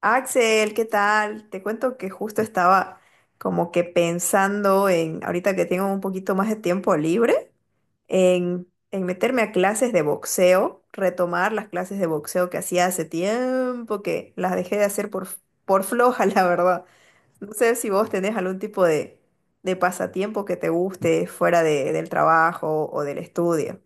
Axel, ¿qué tal? Te cuento que justo estaba como que pensando ahorita que tengo un poquito más de tiempo libre, en meterme a clases de boxeo, retomar las clases de boxeo que hacía hace tiempo, que las dejé de hacer por floja, la verdad. No sé si vos tenés algún tipo de pasatiempo que te guste del trabajo o del estudio.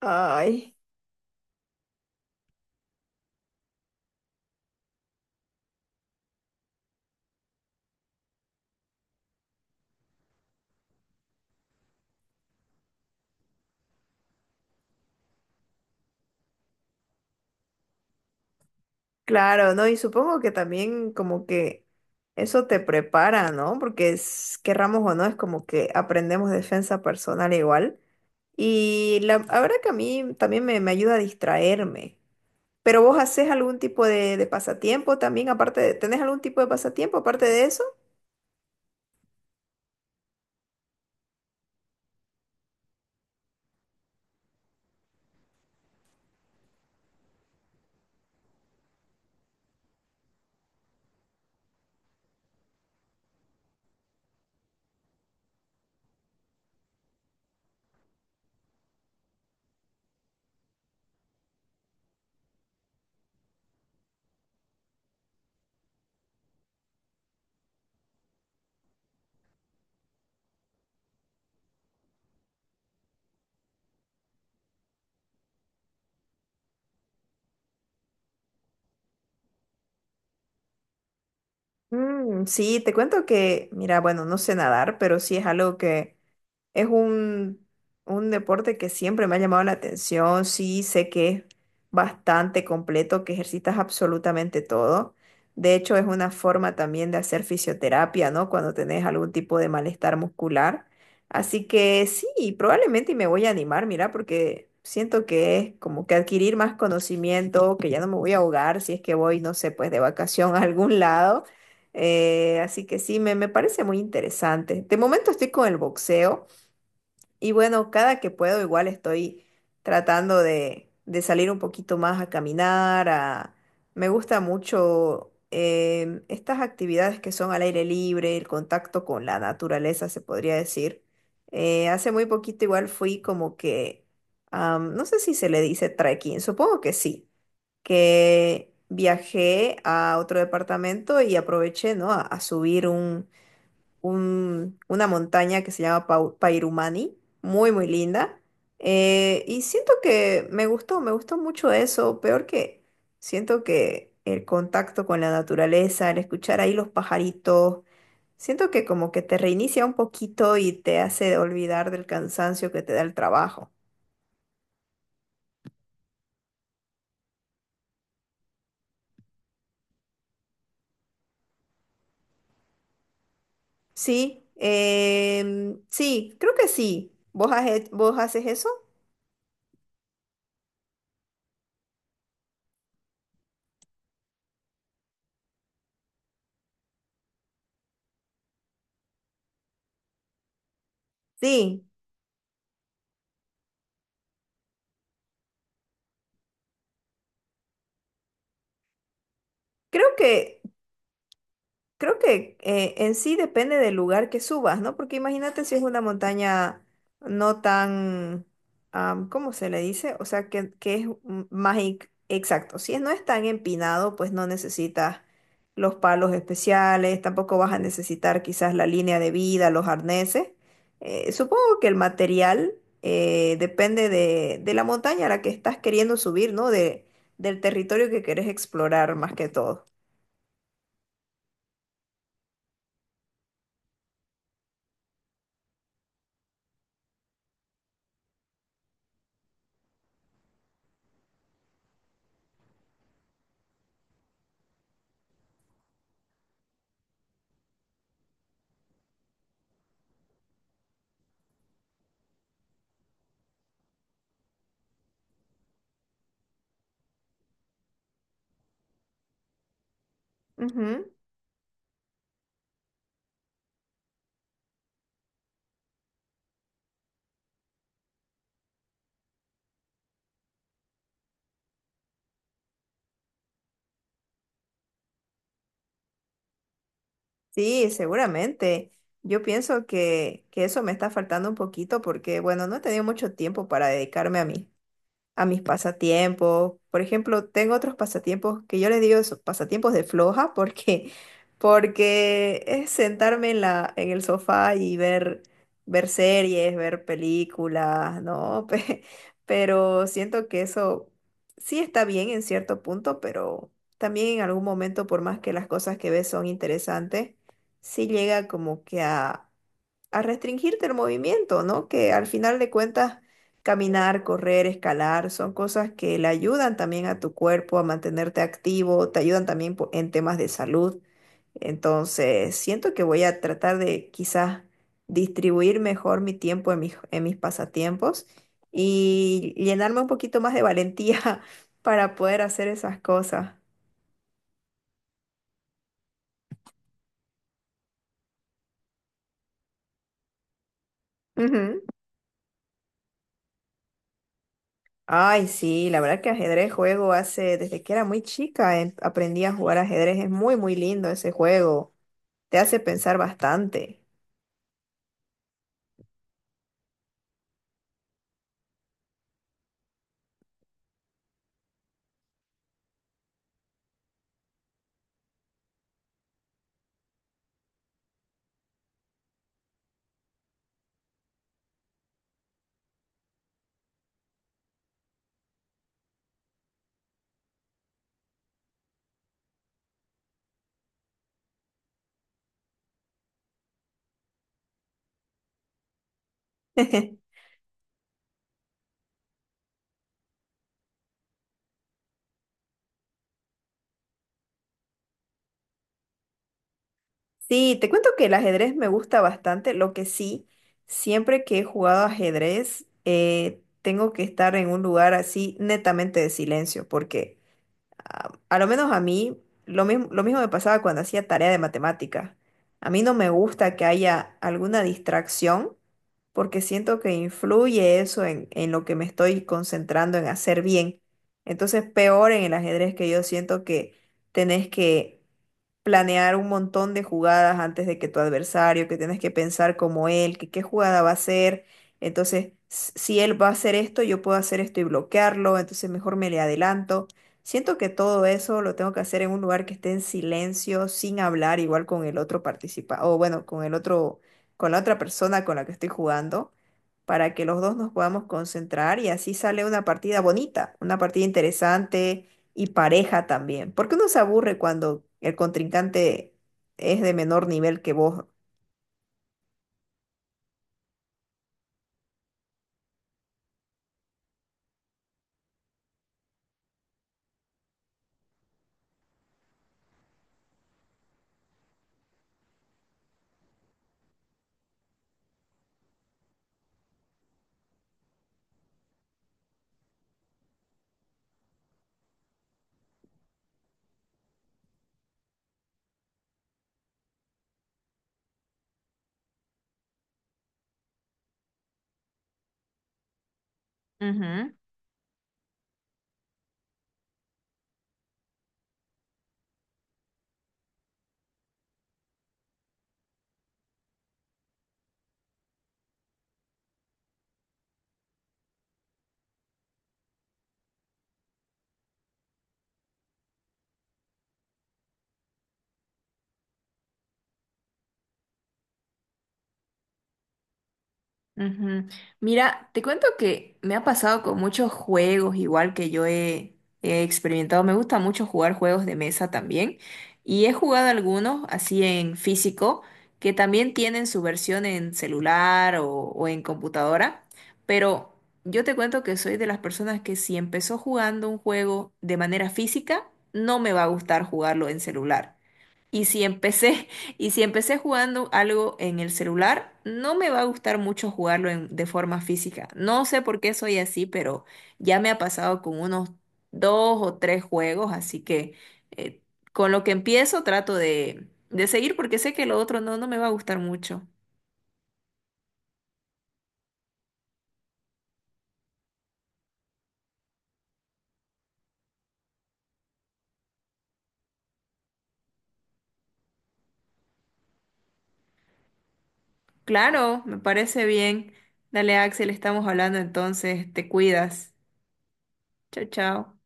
Ay. Claro, ¿no? Y supongo que también como que eso te prepara, ¿no? Porque es, querramos o no, es como que aprendemos defensa personal igual. Y la verdad que a mí también me ayuda a distraerme. Pero vos haces algún tipo de pasatiempo también, ¿tenés algún tipo de pasatiempo aparte de eso? Mm, sí, te cuento que, mira, bueno, no sé nadar, pero sí es algo que... Es un, un deporte que siempre me ha llamado la atención. Sí, sé que es bastante completo, que ejercitas absolutamente todo. De hecho, es una forma también de hacer fisioterapia, ¿no? Cuando tenés algún tipo de malestar muscular. Así que sí, probablemente me voy a animar, mira, porque siento que es como que adquirir más conocimiento, que ya no me voy a ahogar si es que voy, no sé, pues de vacación a algún lado. Así que sí, me parece muy interesante. De momento estoy con el boxeo. Y bueno, cada que puedo igual estoy tratando de salir un poquito más a caminar, a... Me gusta mucho estas actividades que son al aire libre, el contacto con la naturaleza, se podría decir. Hace muy poquito igual fui no sé si se le dice trekking, supongo que sí, que viajé a otro departamento y aproveché, ¿no?, a subir una montaña que se llama Pairumani, muy, muy linda. Y siento que me gustó mucho eso, peor que siento que el contacto con la naturaleza, el escuchar ahí los pajaritos, siento que como que te reinicia un poquito y te hace olvidar del cansancio que te da el trabajo. Sí, sí, creo que sí. ¿ Vos haces eso? Sí, creo que... Creo que en sí depende del lugar que subas, ¿no? Porque imagínate si es una montaña no tan, ¿cómo se le dice? O sea, que es más exacto. Si no es tan empinado, pues no necesitas los palos especiales, tampoco vas a necesitar quizás la línea de vida, los arneses. Supongo que el material depende de la montaña a la que estás queriendo subir, ¿no? Del territorio que querés explorar más que todo. Ujú. Sí, seguramente. Yo pienso que eso me está faltando un poquito porque, bueno, no he tenido mucho tiempo para dedicarme a mí, a mis pasatiempos. Por ejemplo, tengo otros pasatiempos que yo les digo pasatiempos de floja porque porque es sentarme en la en el sofá y ver series, ver películas, ¿no? Pero siento que eso sí está bien en cierto punto, pero también en algún momento, por más que las cosas que ves son interesantes, sí llega como que a restringirte el movimiento, ¿no? Que al final de cuentas, caminar, correr, escalar, son cosas que le ayudan también a tu cuerpo a mantenerte activo, te ayudan también en temas de salud. Entonces, siento que voy a tratar de quizás distribuir mejor mi tiempo en en mis pasatiempos y llenarme un poquito más de valentía para poder hacer esas cosas. Ay, sí, la verdad que ajedrez juego hace, desde que era muy chica, aprendí a jugar ajedrez. Es muy, muy lindo ese juego. Te hace pensar bastante. Sí, te cuento que el ajedrez me gusta bastante, lo que sí, siempre que he jugado ajedrez, tengo que estar en un lugar así netamente de silencio, porque a lo menos a mí, lo mismo me pasaba cuando hacía tarea de matemática. A mí no me gusta que haya alguna distracción porque siento que influye eso en lo que me estoy concentrando en hacer bien. Entonces, peor en el ajedrez, que yo siento que tenés que planear un montón de jugadas antes de que tu adversario, que tienes que pensar como él, que qué jugada va a hacer. Entonces, si él va a hacer esto, yo puedo hacer esto y bloquearlo, entonces mejor me le adelanto. Siento que todo eso lo tengo que hacer en un lugar que esté en silencio, sin hablar, igual con el otro participante, o bueno, con la otra persona con la que estoy jugando, para que los dos nos podamos concentrar, y así sale una partida bonita, una partida interesante y pareja también, porque uno se aburre cuando el contrincante es de menor nivel que vos. Ujú. Mira, te cuento que me ha pasado con muchos juegos, igual que he experimentado. Me gusta mucho jugar juegos de mesa también. Y he jugado algunos así en físico, que también tienen su versión en celular o en computadora. Pero yo te cuento que soy de las personas que si empezó jugando un juego de manera física, no me va a gustar jugarlo en celular. Y si empecé, y si empecé jugando algo en el celular, no me va a gustar mucho jugarlo de forma física. No sé por qué soy así, pero ya me ha pasado con unos dos o tres juegos, así que eh, con lo que empiezo trato de seguir porque sé que lo otro no me va a gustar mucho. Claro, me parece bien. Dale, Axel, estamos hablando entonces. Te cuidas. Chao, chao.